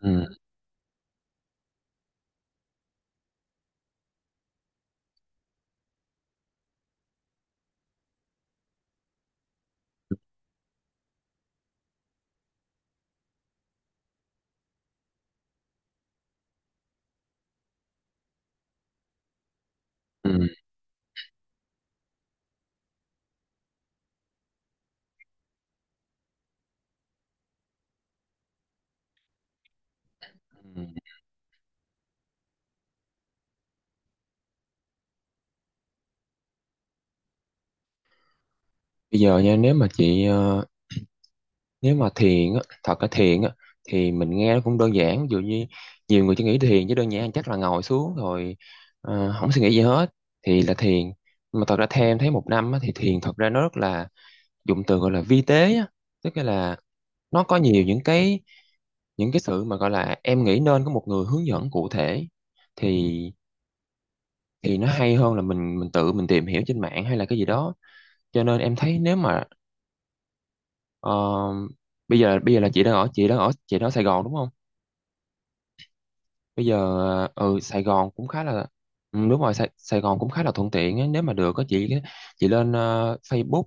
Ừ, ừ, ừ. Bây giờ nha. Nếu mà thiền á, thật là thiền á thì mình nghe nó cũng đơn giản, ví dụ như nhiều người chỉ nghĩ thiền chứ đơn giản chắc là ngồi xuống rồi, không suy nghĩ gì hết thì là thiền. Nhưng mà thật ra theo em thấy một năm á, thì thiền thật ra nó rất là dụng từ gọi là vi tế á, tức là nó có nhiều những cái sự mà gọi là em nghĩ nên có một người hướng dẫn cụ thể, thì thì nó hay hơn là mình tự mình tìm hiểu trên mạng hay là cái gì đó. Cho nên em thấy nếu mà Ờ, bây giờ là chị đang ở Sài Gòn đúng không? Bây giờ ừ Sài Gòn cũng khá là ừ, đúng rồi, Sài Gòn cũng khá là thuận tiện á. Nếu mà được có chị lên Facebook,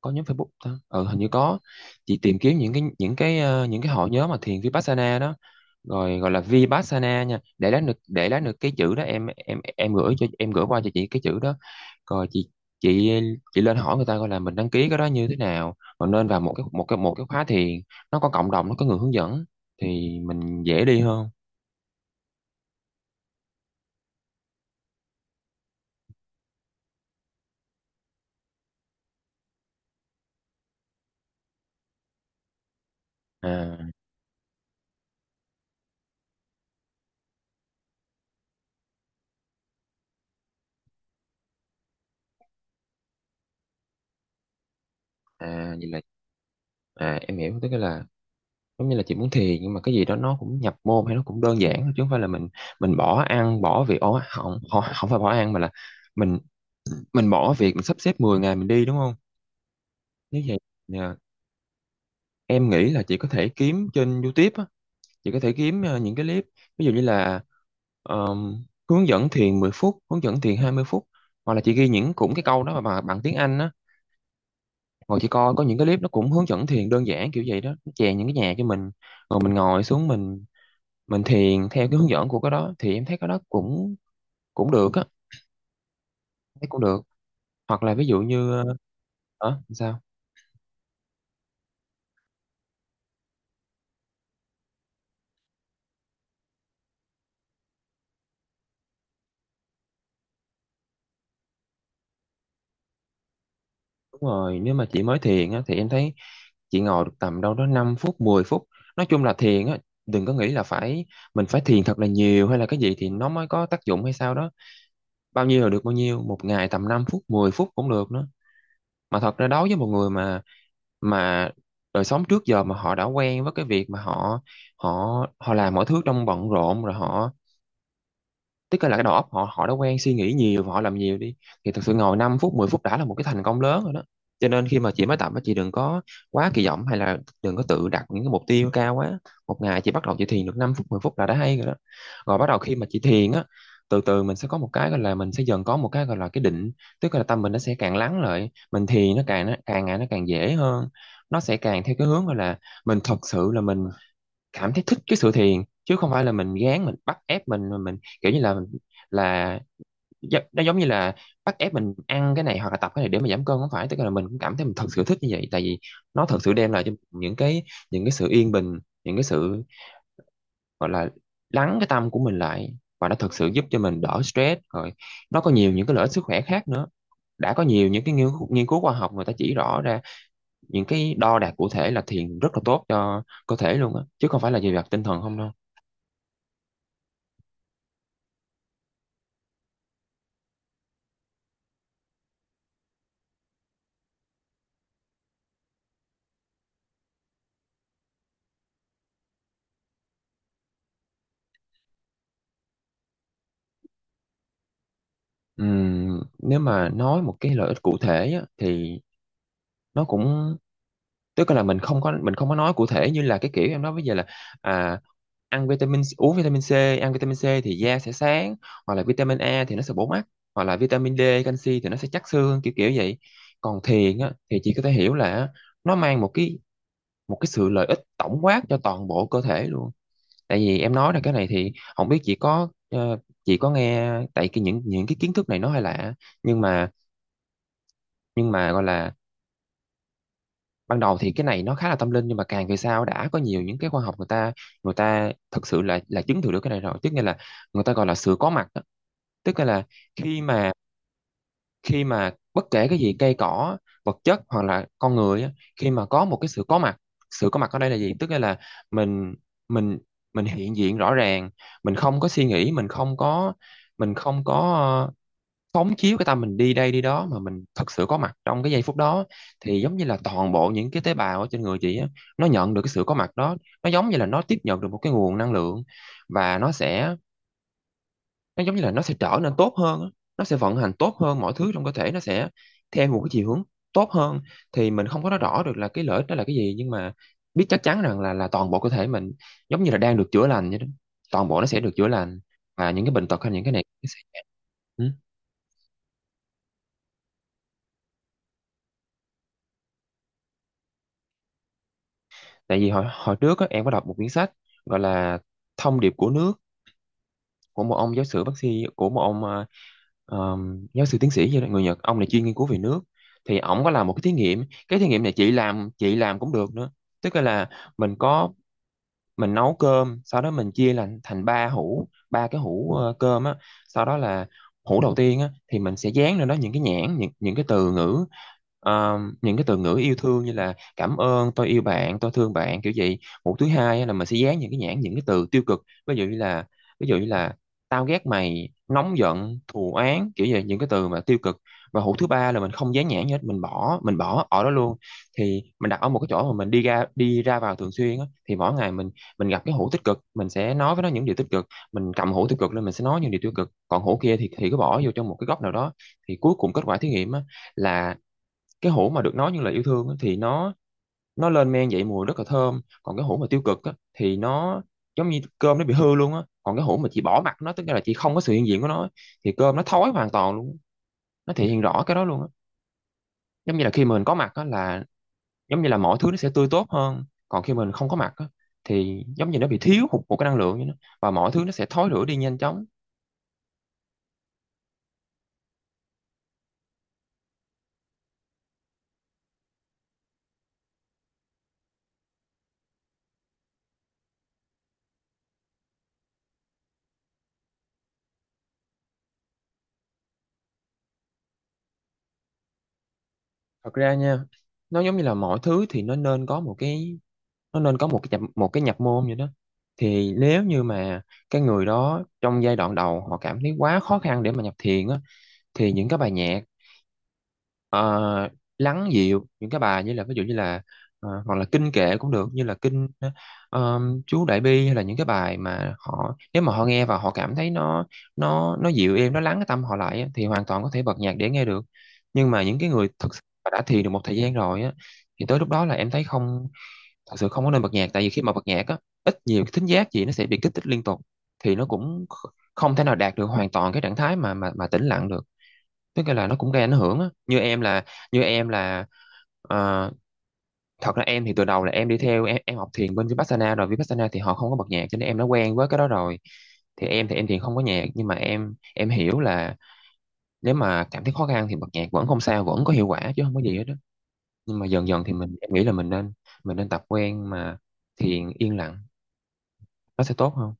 có nhóm Facebook ta, ừ hình như có, chị tìm kiếm những cái hội nhóm mà thiền Vipassana đó, rồi gọi là Vipassana nha, để lát được, để lát được cái chữ đó em gửi cho em gửi qua cho chị cái chữ đó. Rồi chị chị lên hỏi người ta coi là mình đăng ký cái đó như thế nào, rồi nên vào một cái khóa thiền. Nó có cộng đồng, nó có người hướng dẫn thì mình dễ đi hơn. À à, vậy là, à em hiểu, tức là giống như là chị muốn thiền nhưng mà cái gì đó nó cũng nhập môn hay nó cũng đơn giản thôi, chứ không phải là mình bỏ ăn bỏ việc. Ố, không không không, phải bỏ ăn, mà là mình mình bỏ việc, mình sắp xếp 10 ngày mình đi đúng không? Nếu vậy, dạ, em nghĩ là chị có thể kiếm trên YouTube á. Chị có thể kiếm những cái clip, ví dụ như là hướng dẫn thiền 10 phút, hướng dẫn thiền 20 phút, hoặc là chị ghi những cũng cái câu đó mà bằng tiếng Anh á. Ngồi chị coi có những cái clip nó cũng hướng dẫn thiền đơn giản kiểu vậy đó, nó chèn những cái nhạc cho mình, rồi mình ngồi xuống, mình thiền theo cái hướng dẫn của cái đó thì em thấy cái đó cũng cũng được á, thấy cũng được. Hoặc là ví dụ như hả? Sao? Đúng rồi, nếu mà chị mới thiền á thì em thấy chị ngồi được tầm đâu đó 5 phút 10 phút. Nói chung là thiền á, đừng có nghĩ là phải, mình phải thiền thật là nhiều hay là cái gì thì nó mới có tác dụng hay sao đó. Bao nhiêu là được, bao nhiêu một ngày, tầm 5 phút 10 phút cũng được nữa. Mà thật ra đối với một người mà, mà đời sống trước giờ mà họ đã quen với cái việc mà họ họ họ làm mọi thứ trong bận rộn, rồi họ, tức là cái đầu óc họ họ đã quen suy nghĩ nhiều và họ làm nhiều đi, thì thực sự ngồi 5 phút 10 phút đã là một cái thành công lớn rồi đó. Cho nên khi mà chị mới tập á, chị đừng có quá kỳ vọng hay là đừng có tự đặt những cái mục tiêu cao quá. Một ngày chị bắt đầu, chị thiền được 5 phút 10 phút là đã hay rồi đó. Rồi bắt đầu khi mà chị thiền á, từ từ mình sẽ có một cái gọi là, mình sẽ dần có một cái gọi là cái định, tức là tâm mình nó sẽ càng lắng lại, mình thiền nó càng, nó càng ngày, nó càng dễ hơn. Nó sẽ càng theo cái hướng gọi là mình thật sự là mình cảm thấy thích cái sự thiền, chứ không phải là mình gán, mình bắt ép mình, mà mình kiểu như là, là nó giống như là bắt ép mình ăn cái này hoặc là tập cái này để mà giảm cân. Không phải, tức là mình cũng cảm thấy mình thật sự thích như vậy, tại vì nó thật sự đem lại cho mình những cái, những cái sự yên bình, những cái sự gọi là lắng cái tâm của mình lại, và nó thật sự giúp cho mình đỡ stress, rồi nó có nhiều những cái lợi ích sức khỏe khác nữa. Đã có nhiều những cái nghiên cứu khoa học người ta chỉ rõ ra, những cái đo đạc cụ thể, là thiền rất là tốt cho cơ thể luôn á, chứ không phải là về mặt tinh thần không đâu. Nếu mà nói một cái lợi ích cụ thể á, thì nó cũng, tức là mình không có nói cụ thể như là cái kiểu em nói bây giờ là, à, ăn vitamin, uống vitamin C. Ăn vitamin C thì da sẽ sáng, hoặc là vitamin A thì nó sẽ bổ mắt, hoặc là vitamin D canxi thì nó sẽ chắc xương, kiểu kiểu vậy. Còn thiền á, thì chị có thể hiểu là nó mang một cái, một cái sự lợi ích tổng quát cho toàn bộ cơ thể luôn. Tại vì em nói là cái này thì không biết chị có chị có nghe, tại cái những cái kiến thức này nó hơi lạ, nhưng mà nhưng mà gọi là ban đầu thì cái này nó khá là tâm linh, nhưng mà càng về sau đã có nhiều những cái khoa học, người ta thực sự là chứng thử được cái này rồi, tức nghĩa là người ta gọi là sự có mặt đó. Tức nghĩa là khi mà khi mà bất kể cái gì, cây cỏ, vật chất hoặc là con người á, khi mà có một cái sự có mặt. Sự có mặt ở đây là gì, tức nghĩa là mình mình mình hiện diện rõ ràng, mình không có suy nghĩ, mình không có phóng chiếu cái tâm mình đi đây đi đó, mà mình thật sự có mặt trong cái giây phút đó. Thì giống như là toàn bộ những cái tế bào ở trên người chị á, nó nhận được cái sự có mặt đó, nó giống như là nó tiếp nhận được một cái nguồn năng lượng, và nó sẽ, nó giống như là nó sẽ trở nên tốt hơn á. Nó sẽ vận hành tốt hơn, mọi thứ trong cơ thể nó sẽ theo một cái chiều hướng tốt hơn. Thì mình không có nói rõ được là cái lợi ích đó là cái gì, nhưng mà biết chắc chắn rằng là toàn bộ cơ thể mình giống như là đang được chữa lành vậy đó, toàn bộ nó sẽ được chữa lành, và những cái bệnh tật hay những cái này nó sẽ... Ừ. Tại vì hồi hồi trước á, em có đọc một quyển sách gọi là Thông điệp của nước, của một ông giáo sư bác sĩ, của một ông giáo sư tiến sĩ gì đó, người Nhật, ông này chuyên nghiên cứu về nước. Thì ổng có làm một cái thí nghiệm, cái thí nghiệm này chị làm, chị làm cũng được nữa. Tức là mình có, mình nấu cơm, sau đó mình chia làm thành ba hũ, ba cái hũ cơm á. Sau đó là hũ đầu tiên á thì mình sẽ dán lên đó những cái nhãn, những cái từ ngữ, những cái từ ngữ yêu thương như là cảm ơn, tôi yêu bạn, tôi thương bạn, kiểu vậy. Hũ thứ hai á, là mình sẽ dán những cái nhãn, những cái từ tiêu cực, ví dụ như là, ví dụ như là tao ghét mày, nóng giận, thù oán, kiểu vậy, những cái từ mà tiêu cực. Và hũ thứ ba là mình không dán nhãn gì hết, mình bỏ ở đó luôn. Thì mình đặt ở một cái chỗ mà mình đi ra, đi ra vào thường xuyên á, thì mỗi ngày mình gặp cái hũ tích cực mình sẽ nói với nó những điều tích cực, mình cầm hũ tiêu cực lên mình sẽ nói những điều tiêu cực, còn hũ kia thì cứ bỏ vô trong một cái góc nào đó. Thì cuối cùng kết quả thí nghiệm á, là cái hũ mà được nói những lời yêu thương á, thì nó lên men dậy mùi rất là thơm, còn cái hũ mà tiêu cực á, thì nó giống như cơm nó bị hư luôn á, còn cái hũ mà chị bỏ mặt nó, tức là chị không có sự hiện diện Của nó thì cơm nó thối hoàn toàn luôn, nó thể hiện rõ cái đó luôn á. Giống như là khi mà mình có mặt á là giống như là mọi thứ nó sẽ tươi tốt hơn, còn khi mình không có mặt á, thì giống như nó bị thiếu hụt một cái năng lượng như nó, và mọi thứ nó sẽ thối rữa đi nhanh chóng. Thật ra nha, nó giống như là mọi thứ thì nó nên có một cái nhập môn như đó. Thì nếu như mà cái người đó trong giai đoạn đầu họ cảm thấy quá khó khăn để mà nhập thiền á, thì những cái bài nhạc ờ, lắng dịu, những cái bài như là ví dụ như là hoặc là kinh kệ cũng được, như là kinh ờ, chú Đại Bi, hay là những cái bài mà họ nếu mà họ nghe và họ cảm thấy nó nó dịu êm, nó lắng cái tâm họ lại á, thì hoàn toàn có thể bật nhạc để nghe được. Nhưng mà những cái người thực sự mà đã thiền được một thời gian rồi á, thì tới lúc đó là em thấy không, thật sự không có nên bật nhạc. Tại vì khi mà bật nhạc á, ít nhiều cái thính giác gì nó sẽ bị kích thích liên tục, thì nó cũng không thể nào đạt được hoàn toàn cái trạng thái mà tĩnh lặng được. Tức là nó cũng gây ảnh hưởng á. Như em là ờ, Thật ra em thì từ đầu là em học thiền bên Vipassana, rồi Vipassana thì họ không có bật nhạc, cho nên em đã quen với cái đó rồi. Thì em thiền không có nhạc, nhưng mà em hiểu là nếu mà cảm thấy khó khăn thì bật nhạc vẫn không sao, vẫn có hiệu quả chứ không có gì hết đó. Nhưng mà dần dần thì em nghĩ là mình nên, mình nên tập quen mà thiền yên lặng, nó sẽ tốt hơn.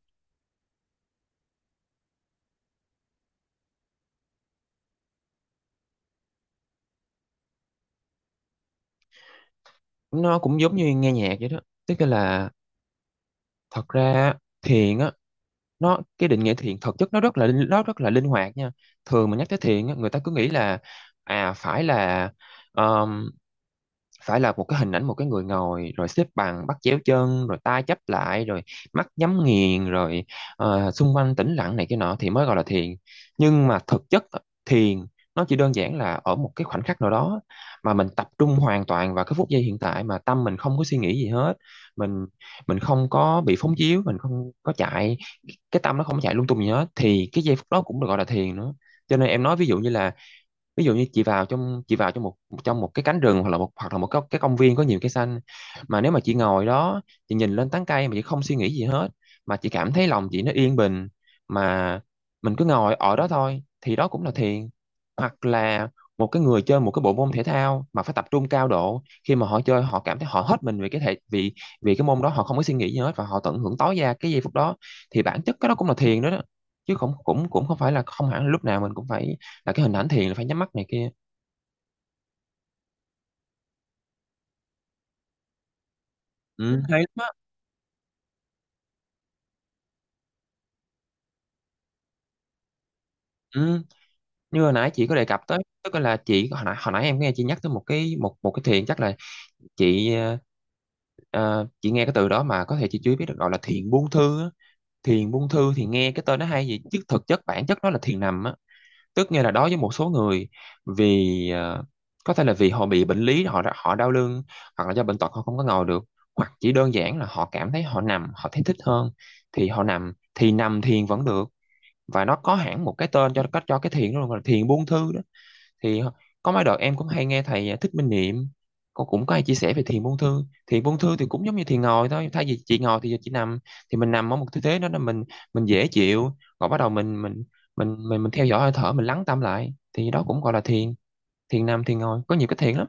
Nó cũng giống như nghe nhạc vậy đó. Tức là thật ra thiền á, nó cái định nghĩa thiện thực chất nó rất là nó rất là linh hoạt nha. Thường mà nhắc tới thiện á, người ta cứ nghĩ là à phải là, phải là một cái hình ảnh một cái người ngồi rồi xếp bằng bắt chéo chân rồi tay chắp lại rồi mắt nhắm nghiền rồi xung quanh tĩnh lặng này kia nọ thì mới gọi là thiền. Nhưng mà thực chất thiền nó chỉ đơn giản là ở một cái khoảnh khắc nào đó mà mình tập trung hoàn toàn vào cái phút giây hiện tại, mà tâm mình không có suy nghĩ gì hết. mình mình không có bị phóng chiếu, mình không có chạy, cái tâm nó không có chạy lung tung gì hết, thì cái giây phút đó cũng được gọi là thiền nữa. Cho nên em nói ví dụ như là, ví dụ như chị vào trong một, trong một cái cánh rừng, hoặc là một, hoặc là một cái công viên có nhiều cây xanh, mà nếu mà chị ngồi đó, chị nhìn lên tán cây mà chị không suy nghĩ gì hết, mà chị cảm thấy lòng chị nó yên bình, mà mình cứ ngồi ở đó thôi, thì đó cũng là thiền. Hoặc là một cái người chơi một cái bộ môn thể thao mà phải tập trung cao độ, khi mà họ chơi họ cảm thấy họ hết mình vì, vì cái môn đó, họ không có suy nghĩ gì hết và họ tận hưởng tối đa cái giây phút đó, thì bản chất cái đó cũng là thiền đó, đó. Chứ không, cũng cũng không phải là, không hẳn là lúc nào mình cũng phải là cái hình ảnh thiền là phải nhắm mắt này kia. Ừ, hay lắm á. Ừ, như hồi nãy chị có đề cập tới, tức là hồi nãy em nghe chị nhắc tới một cái, một một cái thiền chắc là chị chị nghe cái từ đó mà có thể chị chưa biết, được gọi là thiền buông thư á. Thiền buông thư thì nghe cái tên nó hay vậy chứ thực chất bản chất nó là thiền nằm á. Tức nghĩa là đối với một số người, vì có thể là vì họ bị bệnh lý, họ đau lưng, hoặc là do bệnh tật họ không có ngồi được, hoặc chỉ đơn giản là họ cảm thấy họ nằm họ thấy thích hơn, thì họ nằm, thì nằm thiền vẫn được. Và nó có hẳn một cái tên cho cách, cho cái thiền đó luôn, là thiền buông thư đó. Thì có mấy đợt em cũng hay nghe thầy Thích Minh Niệm, cô cũng có hay chia sẻ về thiền buông thư. Thiền buông thư thì cũng giống như thiền ngồi thôi, thay vì chị ngồi thì giờ chị nằm. Thì mình nằm ở một tư thế đó là mình dễ chịu, rồi bắt đầu mình theo dõi hơi thở, mình lắng tâm lại, thì đó cũng gọi là thiền. Thiền nằm, thiền ngồi, có nhiều cái thiền lắm.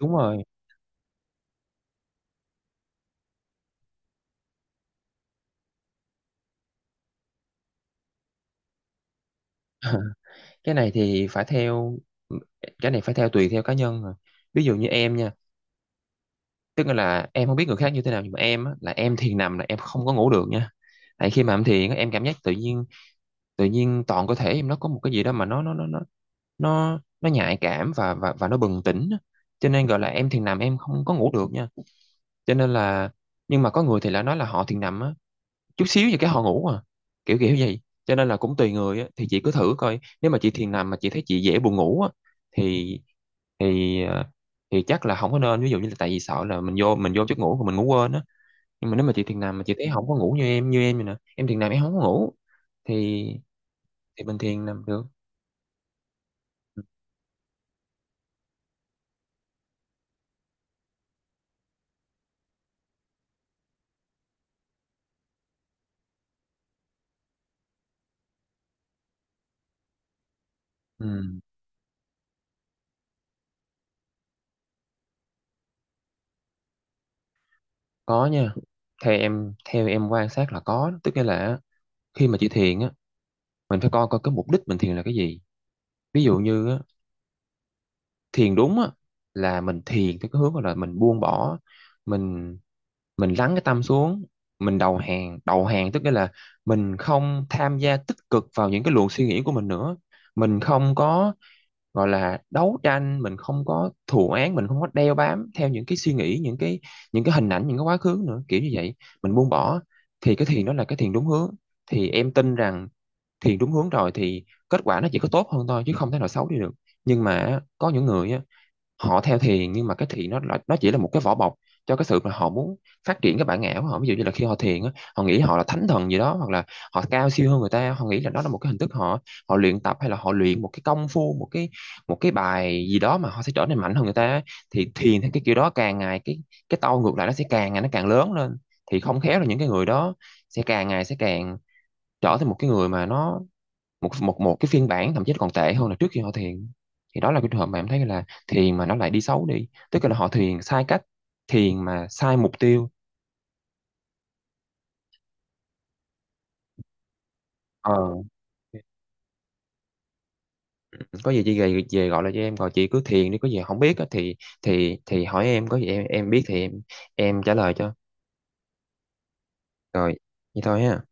Đúng rồi. Cái này thì phải theo, cái này phải theo tùy theo cá nhân rồi. Ví dụ như em nha, tức là em không biết người khác như thế nào, nhưng mà em á, là em thiền nằm là em không có ngủ được nha. Tại khi mà em thiền á, em cảm giác tự nhiên, tự nhiên toàn cơ thể em nó có một cái gì đó mà nó nhạy cảm và và nó bừng tỉnh á. Cho nên gọi là em thiền nằm em không có ngủ được nha. Cho nên là, nhưng mà có người thì lại nói là họ thiền nằm á, chút xíu gì cái họ ngủ à, kiểu kiểu vậy. Cho nên là cũng tùy người á, thì chị cứ thử coi, nếu mà chị thiền nằm mà chị thấy chị dễ buồn ngủ á, thì, thì ờ, thì chắc là không có nên, ví dụ như là tại vì sợ là mình vô giấc ngủ của mình, ngủ quên á. Nhưng mà nếu mà chị thiền nằm mà chị thấy không có ngủ như em, vậy nè, em thiền nằm em không có ngủ, thì bình thiền nằm được. Ừ, có nha. Theo em quan sát là có. Tức nghĩa là khi mà chị thiền á, mình phải coi coi cái mục đích mình thiền là cái gì. Ví dụ như á, thiền đúng á là mình thiền theo cái hướng là mình buông bỏ, mình mình lắng cái tâm xuống, mình đầu hàng. Đầu hàng tức nghĩa là mình không tham gia tích cực vào những cái luồng suy nghĩ của mình nữa, mình không có gọi là đấu tranh, mình không có thù oán, mình không có đeo bám theo những cái suy nghĩ, những cái, những cái hình ảnh, những cái quá khứ nữa, kiểu như vậy, mình buông bỏ. Thì cái thiền đó là cái thiền đúng hướng. Thì em tin rằng thiền đúng hướng rồi thì kết quả nó chỉ có tốt hơn thôi, chứ không thể nào xấu đi được. Nhưng mà có những người á, họ theo thiền nhưng mà cái thiền nó nó chỉ là một cái vỏ bọc cho cái sự mà họ muốn phát triển cái bản ngã của họ. Ví dụ như là khi họ thiền á, họ nghĩ họ là thánh thần gì đó, hoặc là họ cao siêu hơn người ta, họ nghĩ là đó là một cái hình thức họ, họ luyện tập, hay là họ luyện một cái công phu, một cái, một cái bài gì đó mà họ sẽ trở nên mạnh hơn người ta. Thì thiền theo cái kiểu đó, càng ngày cái tôi ngược lại nó sẽ càng ngày nó càng lớn lên. Thì không khéo là những cái người đó sẽ càng ngày sẽ càng trở thành một cái người mà nó, một một một cái phiên bản thậm chí còn tệ hơn là trước khi họ thiền. Thì đó là cái trường hợp mà em thấy là thiền mà nó lại đi xấu đi, tức là họ thiền sai cách, thiền mà sai mục tiêu. Ờ, có gì chị về, về gọi là cho em, rồi chị cứ thiền đi, có gì không biết á thì, thì hỏi em, có gì em biết thì em trả lời cho. Rồi, vậy thôi ha.